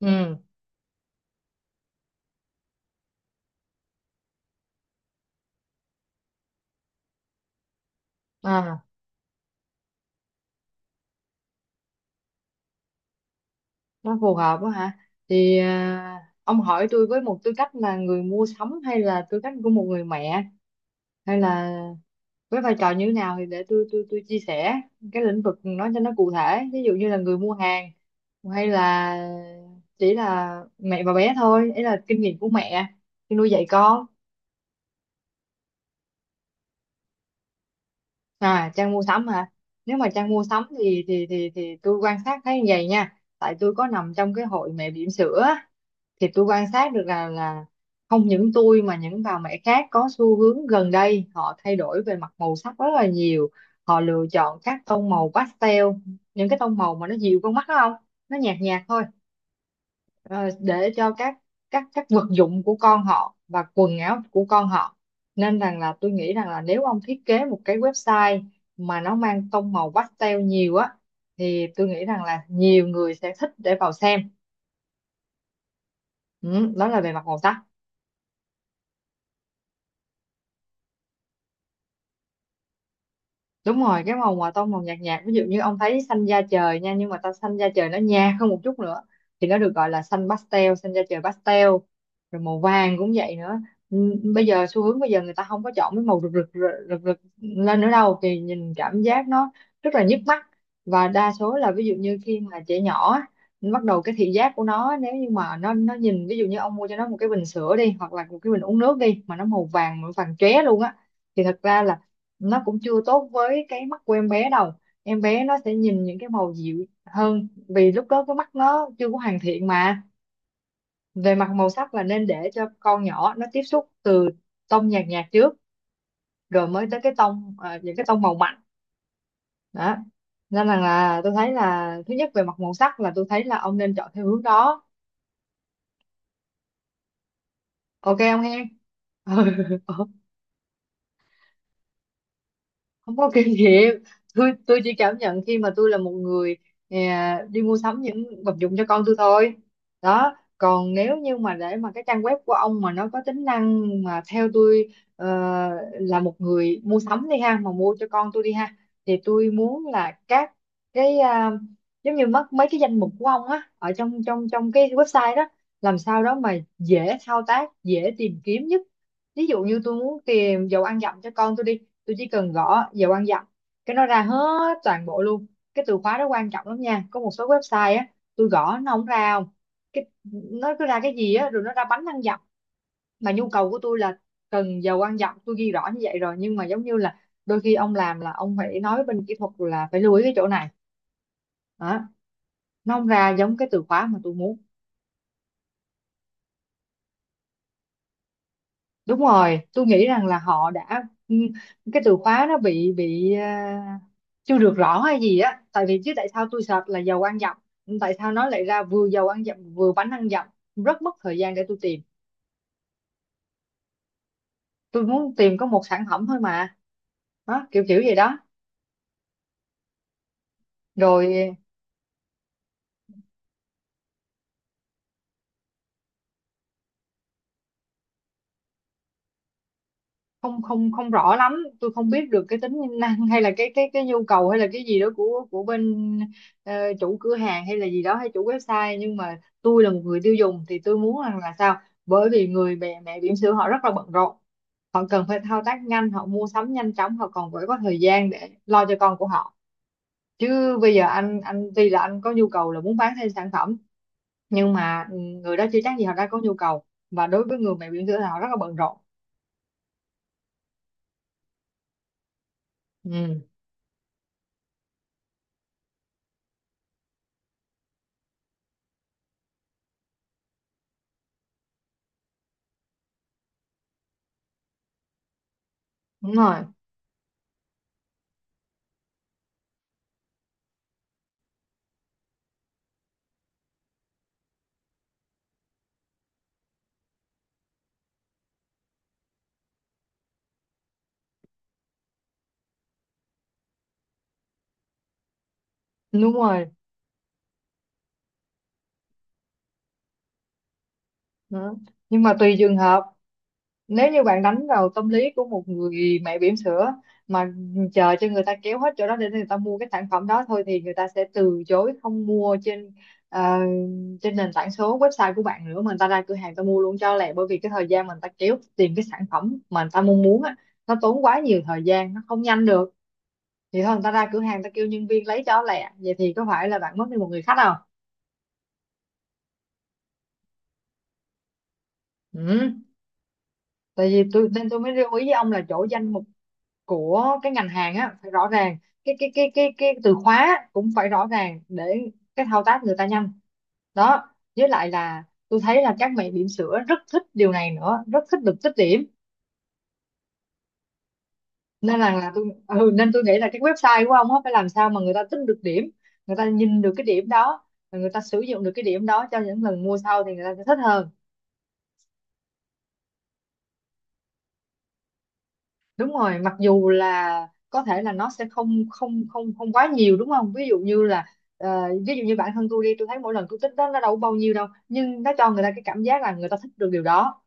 Ừ, à, nó phù hợp quá hả? Thì ông hỏi tôi với một tư cách là người mua sắm hay là tư cách của một người mẹ, hay là với vai trò như thế nào thì để tôi chia sẻ cái lĩnh vực nó cho nó cụ thể. Ví dụ như là người mua hàng, hay là chỉ là mẹ và bé thôi, ấy là kinh nghiệm của mẹ khi nuôi dạy con. À, trang mua sắm hả? Nếu mà trang mua sắm thì tôi quan sát thấy như vậy nha. Tại tôi có nằm trong cái hội mẹ bỉm sữa, thì tôi quan sát được là không những tôi mà những bà mẹ khác có xu hướng gần đây họ thay đổi về mặt màu sắc rất là nhiều, họ lựa chọn các tông màu pastel, những cái tông màu mà nó dịu con mắt đó không, nó nhạt nhạt thôi, ờ, để cho các vật dụng của con họ và quần áo của con họ, nên rằng là tôi nghĩ rằng là nếu ông thiết kế một cái website mà nó mang tông màu pastel nhiều á, thì tôi nghĩ rằng là nhiều người sẽ thích để vào xem. Ừ, đó là về mặt màu sắc. Đúng rồi, cái màu mà tông màu nhạt nhạt, ví dụ như ông thấy xanh da trời nha, nhưng mà ta xanh da trời nó nhạt hơn một chút nữa thì nó được gọi là xanh pastel, xanh da trời pastel. Rồi màu vàng cũng vậy nữa. Ừ, bây giờ xu hướng bây giờ người ta không có chọn cái màu rực rực rực rực, rực lên nữa đâu, thì nhìn cảm giác nó rất là nhức mắt. Và đa số là, ví dụ như khi mà trẻ nhỏ á, bắt đầu cái thị giác của nó, nếu như mà nó nhìn, ví dụ như ông mua cho nó một cái bình sữa đi, hoặc là một cái bình uống nước đi, mà nó màu vàng, màu vàng chóe luôn á, thì thật ra là nó cũng chưa tốt với cái mắt của em bé đâu. Em bé nó sẽ nhìn những cái màu dịu hơn, vì lúc đó cái mắt nó chưa có hoàn thiện mà. Về mặt màu sắc là nên để cho con nhỏ nó tiếp xúc từ tông nhạt nhạt trước, rồi mới tới cái tông những cái tông màu mạnh đó. Nên là tôi thấy là thứ nhất về mặt màu sắc, là tôi thấy là ông nên chọn theo hướng đó. Ok không em? Ừ. Không có kinh nghiệm, tôi chỉ cảm nhận khi mà tôi là một người đi mua sắm những vật dụng cho con tôi thôi đó. Còn nếu như mà để mà cái trang web của ông mà nó có tính năng, mà theo tôi là một người mua sắm đi ha, mà mua cho con tôi đi ha, thì tôi muốn là các cái giống như mất mấy cái danh mục của ông á ở trong trong trong cái website đó, làm sao đó mà dễ thao tác, dễ tìm kiếm nhất. Ví dụ như tôi muốn tìm dầu ăn dặm cho con tôi đi, tôi chỉ cần gõ giờ quan giọng, cái nó ra hết toàn bộ luôn. Cái từ khóa đó quan trọng lắm nha, có một số website á tôi gõ nó không ra, không cái nó cứ ra cái gì á rồi nó ra bánh ăn dặm, mà nhu cầu của tôi là cần giờ quan dặm, tôi ghi rõ như vậy rồi, nhưng mà giống như là đôi khi ông làm là ông phải nói với bên kỹ thuật là phải lưu ý cái chỗ này đó, nó không ra giống cái từ khóa mà tôi muốn. Đúng rồi, tôi nghĩ rằng là họ đã cái từ khóa nó bị chưa được rõ hay gì á, tại vì chứ tại sao tôi search là dầu ăn dặm, tại sao nó lại ra vừa dầu ăn dặm vừa bánh ăn dặm, rất mất thời gian để tôi tìm, tôi muốn tìm có một sản phẩm thôi mà. Đó, kiểu kiểu vậy đó. Rồi không, không rõ lắm, tôi không biết được cái tính năng hay là cái cái nhu cầu hay là cái gì đó của bên ờ, chủ cửa hàng hay là gì đó, hay chủ website, nhưng mà tôi là một người tiêu dùng thì tôi muốn rằng là sao, bởi vì người mẹ, mẹ bỉm sữa họ rất là bận rộn, họ cần phải thao tác nhanh, họ mua sắm nhanh chóng, họ còn phải có thời gian để lo cho con của họ. Chứ bây giờ anh tuy là anh có nhu cầu là muốn bán thêm sản phẩm, nhưng mà người đó chưa chắc gì họ đã có nhu cầu, và đối với người mẹ bỉm sữa thì họ rất là bận rộn. Ừ. Đúng rồi, đúng rồi. Đó. Nhưng mà tùy trường hợp, nếu như bạn đánh vào tâm lý của một người mẹ bỉm sữa mà chờ cho người ta kéo hết chỗ đó để người ta mua cái sản phẩm đó thôi, thì người ta sẽ từ chối không mua trên ờ, trên nền tảng số website của bạn nữa, mà người ta ra cửa hàng người ta mua luôn cho lẹ, bởi vì cái thời gian mà người ta kéo tìm cái sản phẩm mà người ta mong muốn á, nó tốn quá nhiều thời gian, nó không nhanh được, thì thôi người ta ra cửa hàng người ta kêu nhân viên lấy cho lẹ, vậy thì có phải là bạn mất đi một người khách không? Ừ. Tại vì tôi, nên tôi mới lưu ý với ông là chỗ danh mục của cái ngành hàng á phải rõ ràng, cái từ khóa cũng phải rõ ràng để cái thao tác người ta nhanh. Đó. Với lại là tôi thấy là các mẹ bỉm sữa rất thích điều này nữa, rất thích được tích điểm. Nên là tôi nên tôi nghĩ là cái website của ông á phải làm sao mà người ta tích được điểm, người ta nhìn được cái điểm đó, và người ta sử dụng được cái điểm đó cho những lần mua sau, thì người ta sẽ thích hơn. Đúng rồi, mặc dù là có thể là nó sẽ không không không không quá nhiều, đúng không? Ví dụ như là ví dụ như bản thân tôi đi, tôi thấy mỗi lần tôi tích đó nó đâu có bao nhiêu đâu, nhưng nó cho người ta cái cảm giác là người ta thích được điều đó,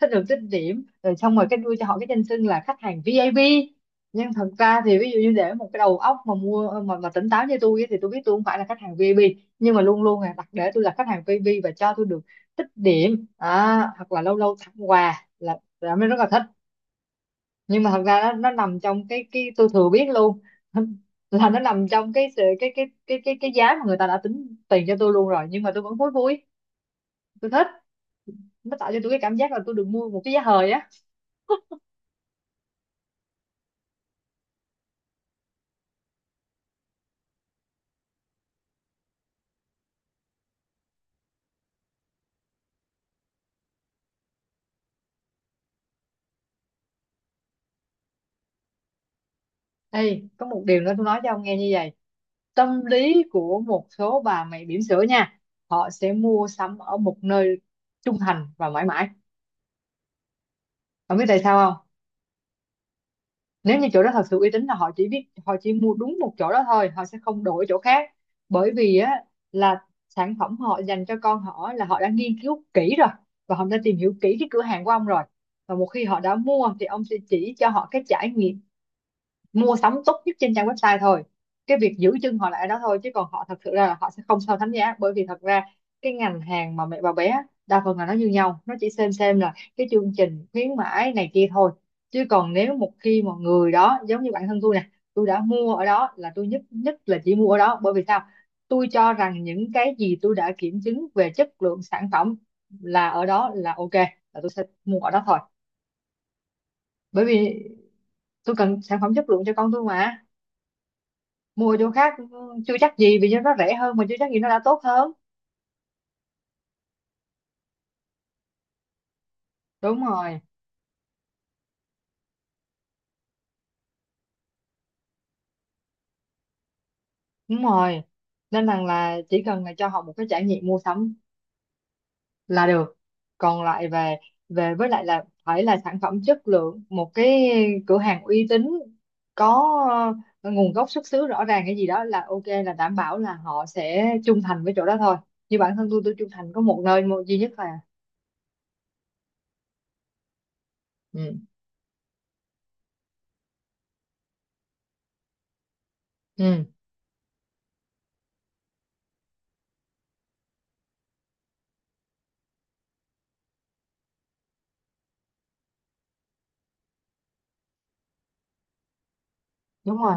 thích được tích điểm, rồi xong rồi cái đưa cho họ cái danh xưng là khách hàng VIP. Nhưng thật ra thì, ví dụ như để một cái đầu óc mà mua mà tỉnh táo như tôi ấy, thì tôi biết tôi không phải là khách hàng VIP, nhưng mà luôn luôn là đặt để tôi là khách hàng VIP và cho tôi được tích điểm, hoặc là lâu lâu tặng quà là mới rất là thích. Nhưng mà thật ra nó nằm trong cái tôi thừa biết luôn là nó nằm trong cái sự cái cái giá mà người ta đã tính tiền cho tôi luôn rồi, nhưng mà tôi vẫn vui vui, tôi thích, nó tạo cho tôi cái cảm giác là tôi được mua một cái giá hời á. Ê, có một điều nữa tôi nói cho ông nghe như vậy, tâm lý của một số bà mẹ bỉm sữa nha, họ sẽ mua sắm ở một nơi, trung thành và mãi mãi, ông biết tại sao không? Nếu như chỗ đó thật sự uy tín là họ chỉ biết, họ chỉ mua đúng một chỗ đó thôi, họ sẽ không đổi chỗ khác, bởi vì á là sản phẩm họ dành cho con họ là họ đã nghiên cứu kỹ rồi, và họ đã tìm hiểu kỹ cái cửa hàng của ông rồi, và một khi họ đã mua thì ông sẽ chỉ cho họ cái trải nghiệm mua sắm tốt nhất trên trang website thôi, cái việc giữ chân họ lại ở đó thôi. Chứ còn họ thật sự ra là họ sẽ không so sánh giá, bởi vì thật ra cái ngành hàng mà mẹ bà bé đa phần là nó như nhau, nó chỉ xem là cái chương trình khuyến mãi này kia thôi. Chứ còn nếu một khi mà người đó giống như bản thân tôi nè, tôi đã mua ở đó là tôi nhất nhất là chỉ mua ở đó, bởi vì sao? Tôi cho rằng những cái gì tôi đã kiểm chứng về chất lượng sản phẩm là ở đó là ok, là tôi sẽ mua ở đó thôi. Bởi vì tôi cần sản phẩm chất lượng cho con tôi mà. Mua chỗ khác chưa chắc gì vì nó rẻ hơn, mà chưa chắc gì nó đã tốt hơn. Đúng rồi. Đúng rồi. Nên rằng là chỉ cần là cho họ một cái trải nghiệm mua sắm là được. Còn lại về về với lại là phải là sản phẩm chất lượng, một cái cửa hàng uy tín, có nguồn gốc xuất xứ rõ ràng cái gì đó là ok, là đảm bảo là họ sẽ trung thành với chỗ đó thôi. Như bản thân tôi trung thành có một nơi, một duy nhất là. Ừ. Ừ. Đúng rồi.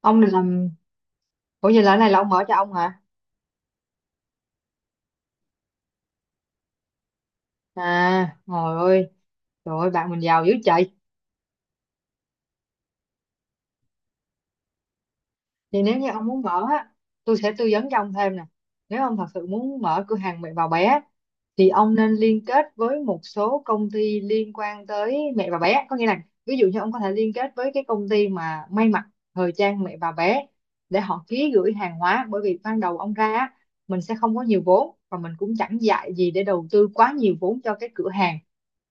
Ông định làm? Ủa, vậy là cái này là ông mở cho ông hả? À trời ơi. Trời ơi, bạn mình giàu dữ trời. Vậy nếu như ông muốn mở á, tôi sẽ tư vấn cho ông thêm nè. Nếu ông thật sự muốn mở cửa hàng mẹ và bé thì ông nên liên kết với một số công ty liên quan tới mẹ và bé. Có nghĩa là ví dụ như ông có thể liên kết với cái công ty mà may mặc thời trang mẹ và bé để họ ký gửi hàng hóa. Bởi vì ban đầu ông ra á, mình sẽ không có nhiều vốn và mình cũng chẳng dại gì để đầu tư quá nhiều vốn cho cái cửa hàng.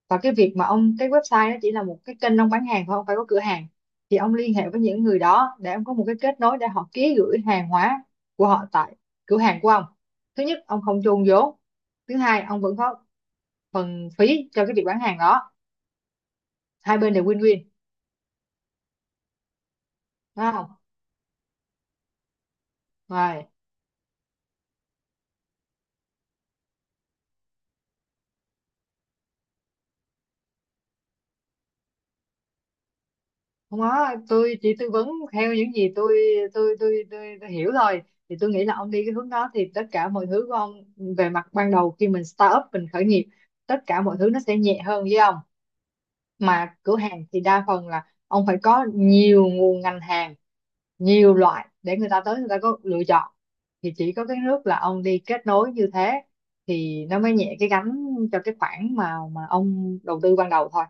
Và cái việc mà ông cái website đó chỉ là một cái kênh ông bán hàng thôi, không phải có cửa hàng. Thì ông liên hệ với những người đó để ông có một cái kết nối để họ ký gửi hàng hóa của họ tại cửa hàng của ông. Thứ nhất, ông không chôn vốn. Thứ hai, ông vẫn có phần phí cho cái việc bán hàng đó. Hai bên đều win-win, đúng không? Rồi. Không có, tôi chỉ tư vấn theo những gì tôi hiểu thôi. Thì tôi nghĩ là ông đi cái hướng đó thì tất cả mọi thứ của ông về mặt ban đầu khi mình start up, mình khởi nghiệp, tất cả mọi thứ nó sẽ nhẹ hơn với ông. Mà cửa hàng thì đa phần là ông phải có nhiều nguồn ngành hàng, nhiều loại để người ta tới người ta có lựa chọn. Thì chỉ có cái nước là ông đi kết nối như thế thì nó mới nhẹ cái gánh cho cái khoản mà ông đầu tư ban đầu thôi.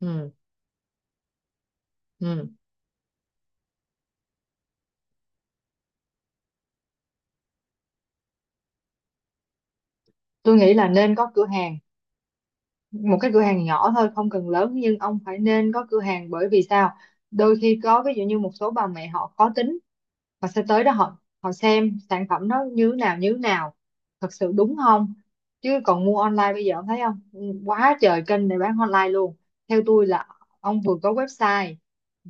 Ừ. Ừ. Tôi nghĩ là nên có cửa hàng. Một cái cửa hàng nhỏ thôi không cần lớn, nhưng ông phải nên có cửa hàng. Bởi vì sao? Đôi khi có ví dụ như một số bà mẹ họ khó tính, họ sẽ tới đó, họ họ xem sản phẩm nó như thế nào, như thế nào thật sự, đúng không? Chứ còn mua online bây giờ ông thấy không? Quá trời kênh để bán online luôn. Theo tôi là ông vừa có website,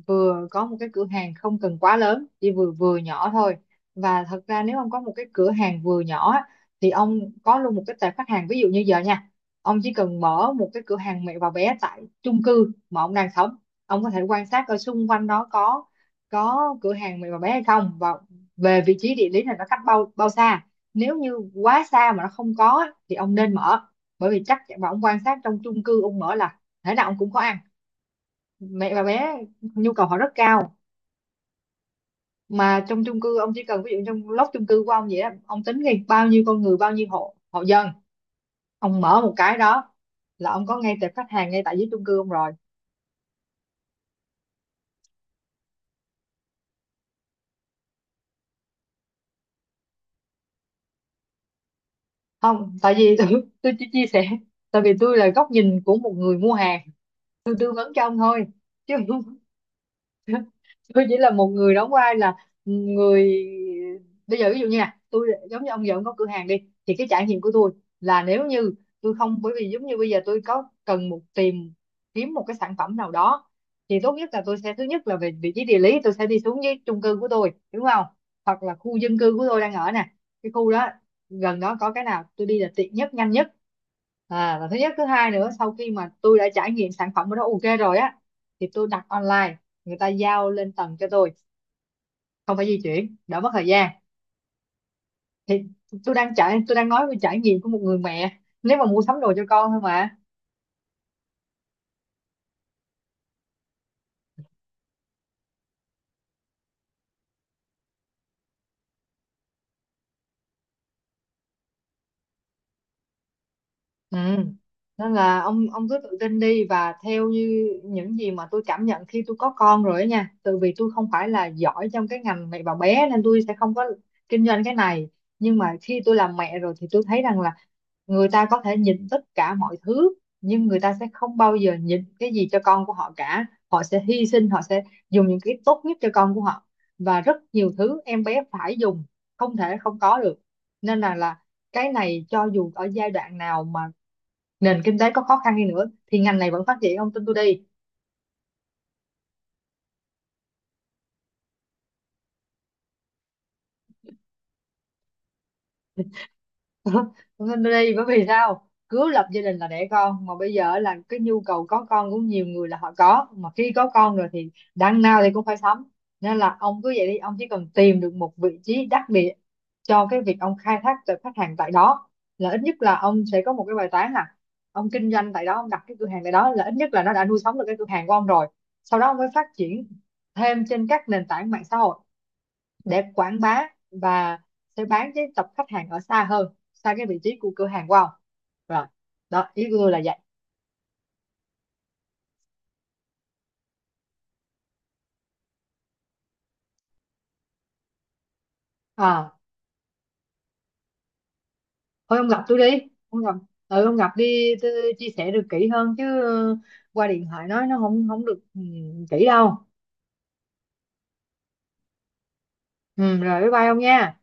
vừa có một cái cửa hàng không cần quá lớn, chỉ vừa vừa nhỏ thôi. Và thật ra nếu ông có một cái cửa hàng vừa nhỏ á, thì ông có luôn một cái tệp khách hàng. Ví dụ như giờ nha, ông chỉ cần mở một cái cửa hàng mẹ và bé tại chung cư mà ông đang sống. Ông có thể quan sát ở xung quanh đó có cửa hàng mẹ và bé hay không, và về vị trí địa lý là nó cách bao bao xa. Nếu như quá xa mà nó không có á, thì ông nên mở. Bởi vì và ông quan sát trong chung cư ông mở là thế nào ông cũng có ăn. Mẹ và bé nhu cầu họ rất cao mà. Trong chung cư ông chỉ cần ví dụ trong lốc chung cư của ông vậy đó, ông tính ngay bao nhiêu con người, bao nhiêu hộ hộ dân. Ông mở một cái đó là ông có ngay tệp khách hàng ngay tại dưới chung cư ông rồi. Không tại vì tôi chỉ chia sẻ. Tại vì tôi là góc nhìn của một người mua hàng, tôi tư vấn cho ông thôi chứ không. Tôi chỉ là một người đóng vai là người bây giờ ví dụ như là tôi giống như ông, giờ ông có cửa hàng đi, thì cái trải nghiệm của tôi là nếu như tôi không, bởi vì giống như bây giờ tôi có cần một tìm kiếm một cái sản phẩm nào đó, thì tốt nhất là tôi sẽ thứ nhất là về vị trí địa lý, tôi sẽ đi xuống với chung cư của tôi, đúng không? Hoặc là khu dân cư của tôi đang ở nè. Cái khu đó gần đó có cái nào tôi đi là tiện nhất, nhanh nhất. À và thứ nhất thứ hai nữa, sau khi mà tôi đã trải nghiệm sản phẩm của nó ok rồi á, thì tôi đặt online, người ta giao lên tầng cho tôi, không phải di chuyển, đỡ mất thời gian. Thì tôi đang nói về trải nghiệm của một người mẹ nếu mà mua sắm đồ cho con thôi mà. Ừ. Nên là ông cứ tự tin đi và theo như những gì mà tôi cảm nhận khi tôi có con rồi ấy nha. Tại vì tôi không phải là giỏi trong cái ngành mẹ và bé nên tôi sẽ không có kinh doanh cái này. Nhưng mà khi tôi làm mẹ rồi thì tôi thấy rằng là người ta có thể nhịn tất cả mọi thứ, nhưng người ta sẽ không bao giờ nhịn cái gì cho con của họ cả. Họ sẽ hy sinh, họ sẽ dùng những cái tốt nhất cho con của họ. Và rất nhiều thứ em bé phải dùng, không thể không có được. Nên là cái này cho dù ở giai đoạn nào mà nền kinh tế có khó khăn đi nữa thì ngành này vẫn phát triển, ông tin tôi đi. Ông tin tôi đi, bởi vì sao? Cứ lập gia đình là đẻ con, mà bây giờ là cái nhu cầu có con của nhiều người là họ có, mà khi có con rồi thì đằng nào thì cũng phải sắm. Nên là ông cứ vậy đi, ông chỉ cần tìm được một vị trí đắc địa cho cái việc ông khai thác từ khách hàng tại đó. Là ít nhất là ông sẽ có một cái bài toán là ông kinh doanh tại đó, ông đặt cái cửa hàng tại đó là ít nhất là nó đã nuôi sống được cái cửa hàng của ông rồi. Sau đó ông mới phát triển thêm trên các nền tảng mạng xã hội để quảng bá và sẽ bán đến tập khách hàng ở xa hơn, xa cái vị trí của cửa hàng của ông. Rồi, đó ý của tôi là vậy. À thôi ông gặp tôi đi. Ông gặp. Ừ, ông gặp đi tôi chia sẻ được kỹ hơn chứ. Ờ, Qua điện thoại nói nó không không được. Ừ, kỹ đâu. Ừ, rồi bye bye ông nha.